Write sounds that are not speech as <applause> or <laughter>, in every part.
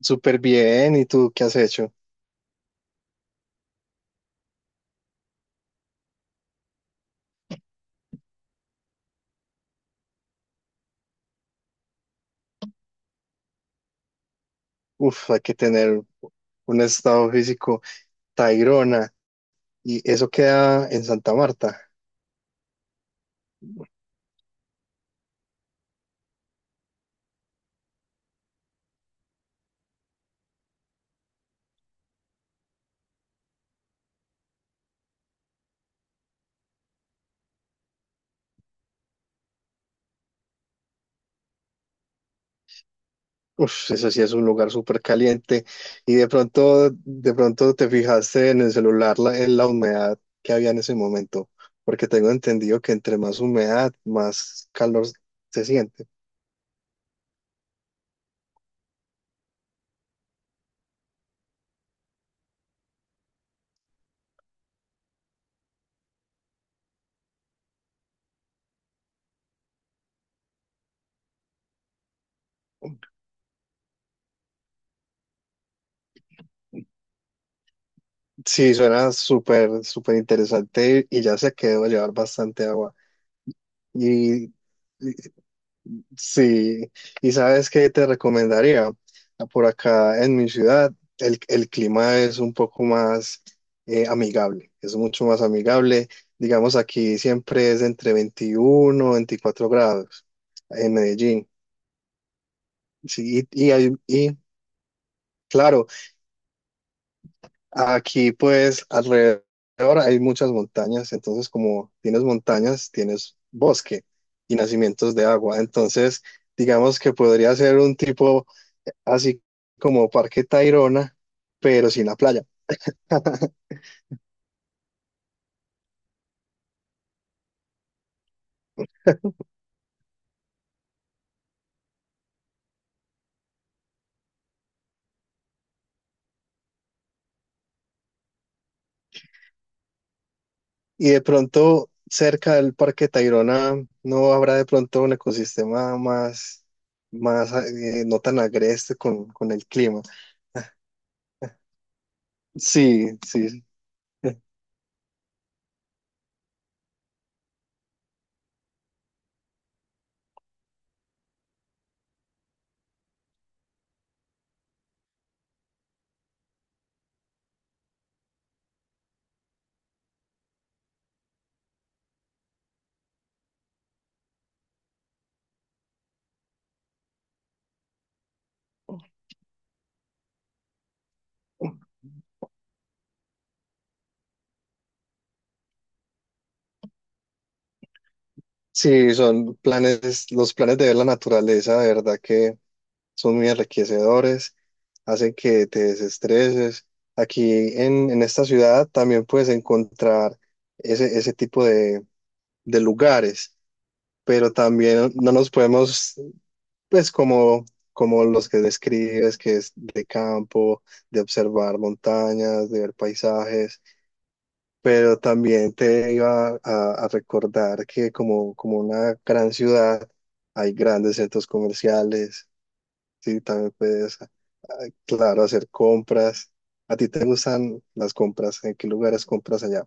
Súper bien, ¿y tú qué has hecho? Uf, hay que tener un estado físico Tayrona, y eso queda en Santa Marta. Uf, ese sí es un lugar súper caliente. Y de pronto te fijaste en el celular en la humedad que había en ese momento, porque tengo entendido que entre más humedad, más calor se siente. Sí, suena súper, súper interesante y ya se quedó a llevar bastante agua. Y Sí, y sabes qué te recomendaría. Ah, por acá en mi ciudad, el clima es un poco más amigable, es mucho más amigable. Digamos, aquí siempre es entre 21, o 24 grados en Medellín. Sí, claro, aquí pues alrededor hay muchas montañas, entonces como tienes montañas, tienes bosque y nacimientos de agua. Entonces, digamos que podría ser un tipo así como Parque Tayrona, pero sin la playa. Y de pronto, cerca del Parque Tayrona, no habrá de pronto un ecosistema más no tan agreste con el clima. Sí, sí, sí, son planes, los planes de ver la naturaleza, de verdad que son muy enriquecedores, hacen que te desestreses. Aquí en esta ciudad también puedes encontrar ese tipo de lugares pero también no nos podemos, pues como los que describes, que es de campo, de observar montañas, de ver paisajes, pero también te iba a recordar que como una gran ciudad hay grandes centros comerciales, sí, también puedes, claro, hacer compras. ¿A ti te gustan las compras? ¿En qué lugares compras allá?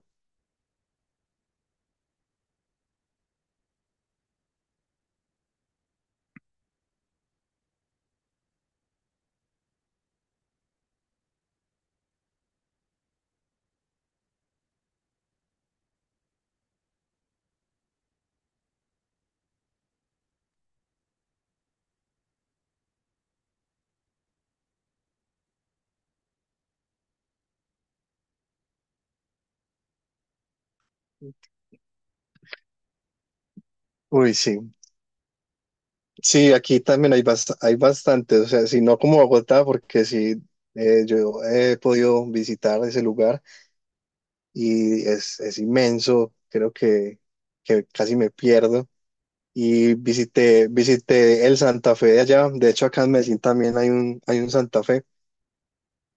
Uy, sí. Sí, aquí también hay bastante, o sea, si no como Bogotá, porque sí, yo he podido visitar ese lugar y es inmenso, creo que casi me pierdo. Y visité el Santa Fe de allá, de hecho acá en Medellín también hay un Santa Fe.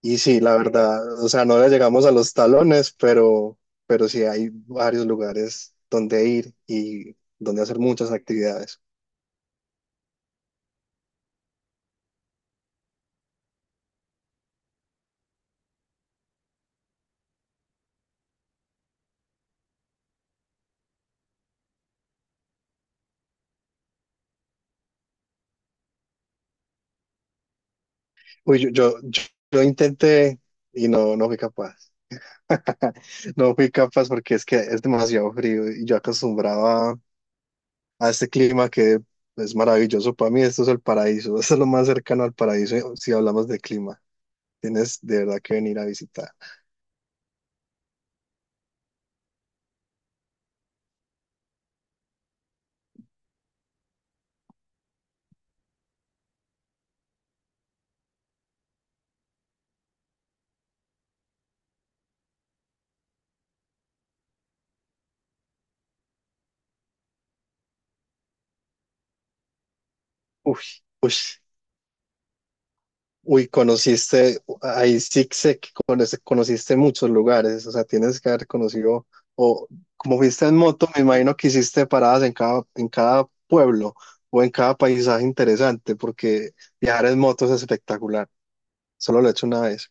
Y sí, la, sí, verdad, o sea, no le llegamos a los talones, pero sí hay varios lugares donde ir y donde hacer muchas actividades. Uy, yo intenté y no, no fui capaz. No fui capaz porque es que es demasiado frío y yo acostumbraba a este clima que es maravilloso. Para mí esto es el paraíso, <laughs> esto es lo más cercano al paraíso si hablamos de clima. Tienes de verdad que venir a visitar. Uy, uy. Uy, conociste, ahí sí sé que conociste muchos lugares, o sea, tienes que haber conocido, o como fuiste en moto, me imagino que hiciste paradas en cada pueblo o en cada paisaje interesante, porque viajar en moto es espectacular, solo lo he hecho una vez.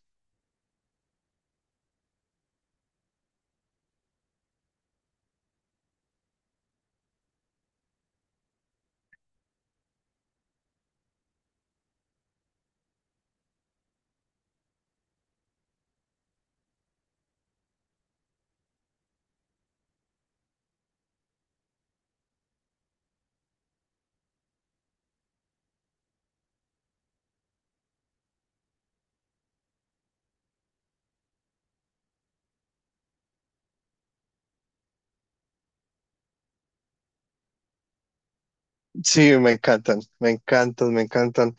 Sí, me encantan, me encantan, me encantan.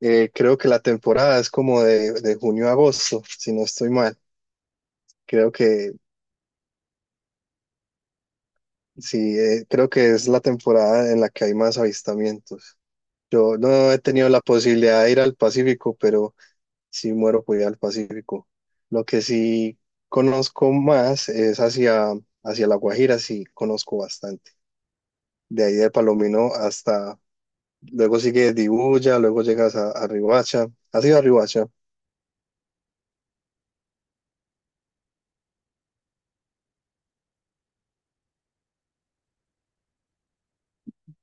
Creo que la temporada es como de junio a agosto, si no estoy mal. Creo que sí, creo que es la temporada en la que hay más avistamientos. Yo no he tenido la posibilidad de ir al Pacífico, pero sí muero por ir al Pacífico. Lo que sí conozco más es hacia La Guajira, sí conozco bastante. De ahí de Palomino hasta, luego sigue Dibuya, luego llegas a Riohacha. ¿Has ido a Riohacha?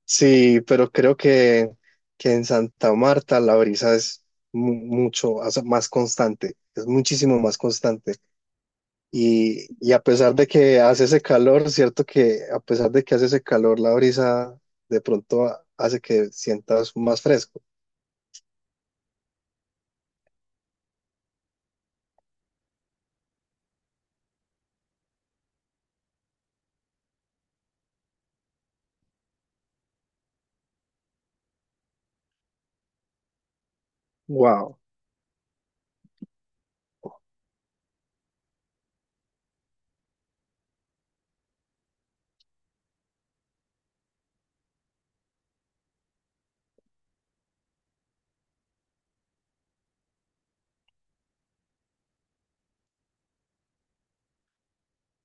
Sí, pero creo que en Santa Marta la brisa es mucho, o sea, más constante, es muchísimo más constante. Y a pesar de que hace ese calor, cierto que a pesar de que hace ese calor, la brisa de pronto hace que sientas más fresco. Wow.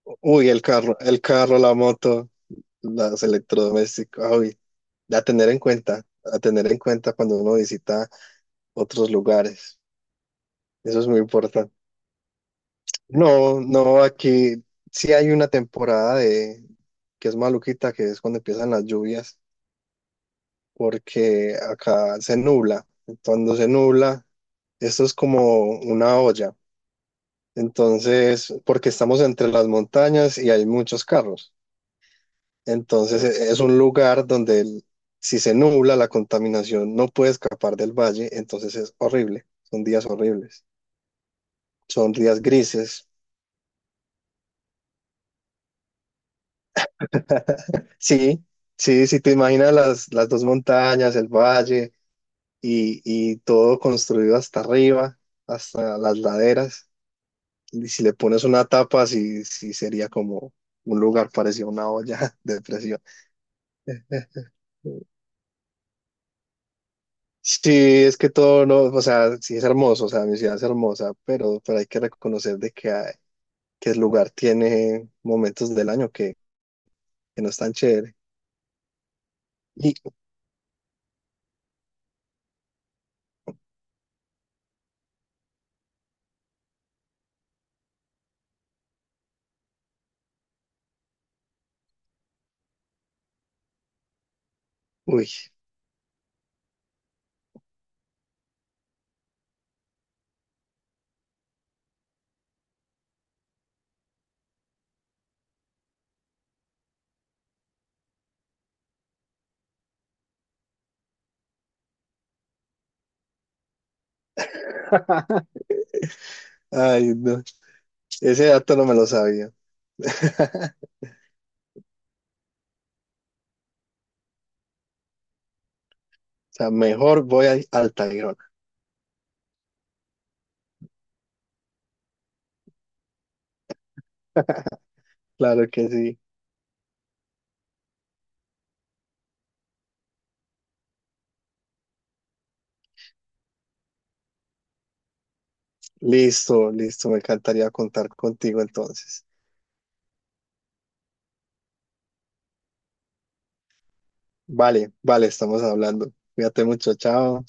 Uy, el carro, la moto, los electrodomésticos. Uy, a tener en cuenta cuando uno visita otros lugares. Eso es muy importante. No, no, aquí sí hay una temporada de que es maluquita, que es cuando empiezan las lluvias porque acá se nubla. Cuando se nubla, esto es como una olla. Entonces, porque estamos entre las montañas y hay muchos carros. Entonces, es un lugar donde si se nubla, la contaminación no puede escapar del valle. Entonces, es horrible. Son días horribles. Son días grises. Sí, sí, si te imaginas las dos montañas, el valle y todo construido hasta arriba, hasta las laderas. Y si le pones una tapa, sí, sí sería como un lugar parecido a una olla <laughs> de presión. Sí, es que todo no, o sea, sí es hermoso, o sea, mi ciudad es hermosa, pero hay que reconocer de que, que el lugar tiene momentos del año que no están chévere. Y, uy, ay, no, ese dato no me lo sabía. <laughs> O sea, mejor voy a Altairona. Claro que sí. Listo, listo, me encantaría contar contigo entonces. Vale, vale, estamos hablando. Cuídate mucho, chao.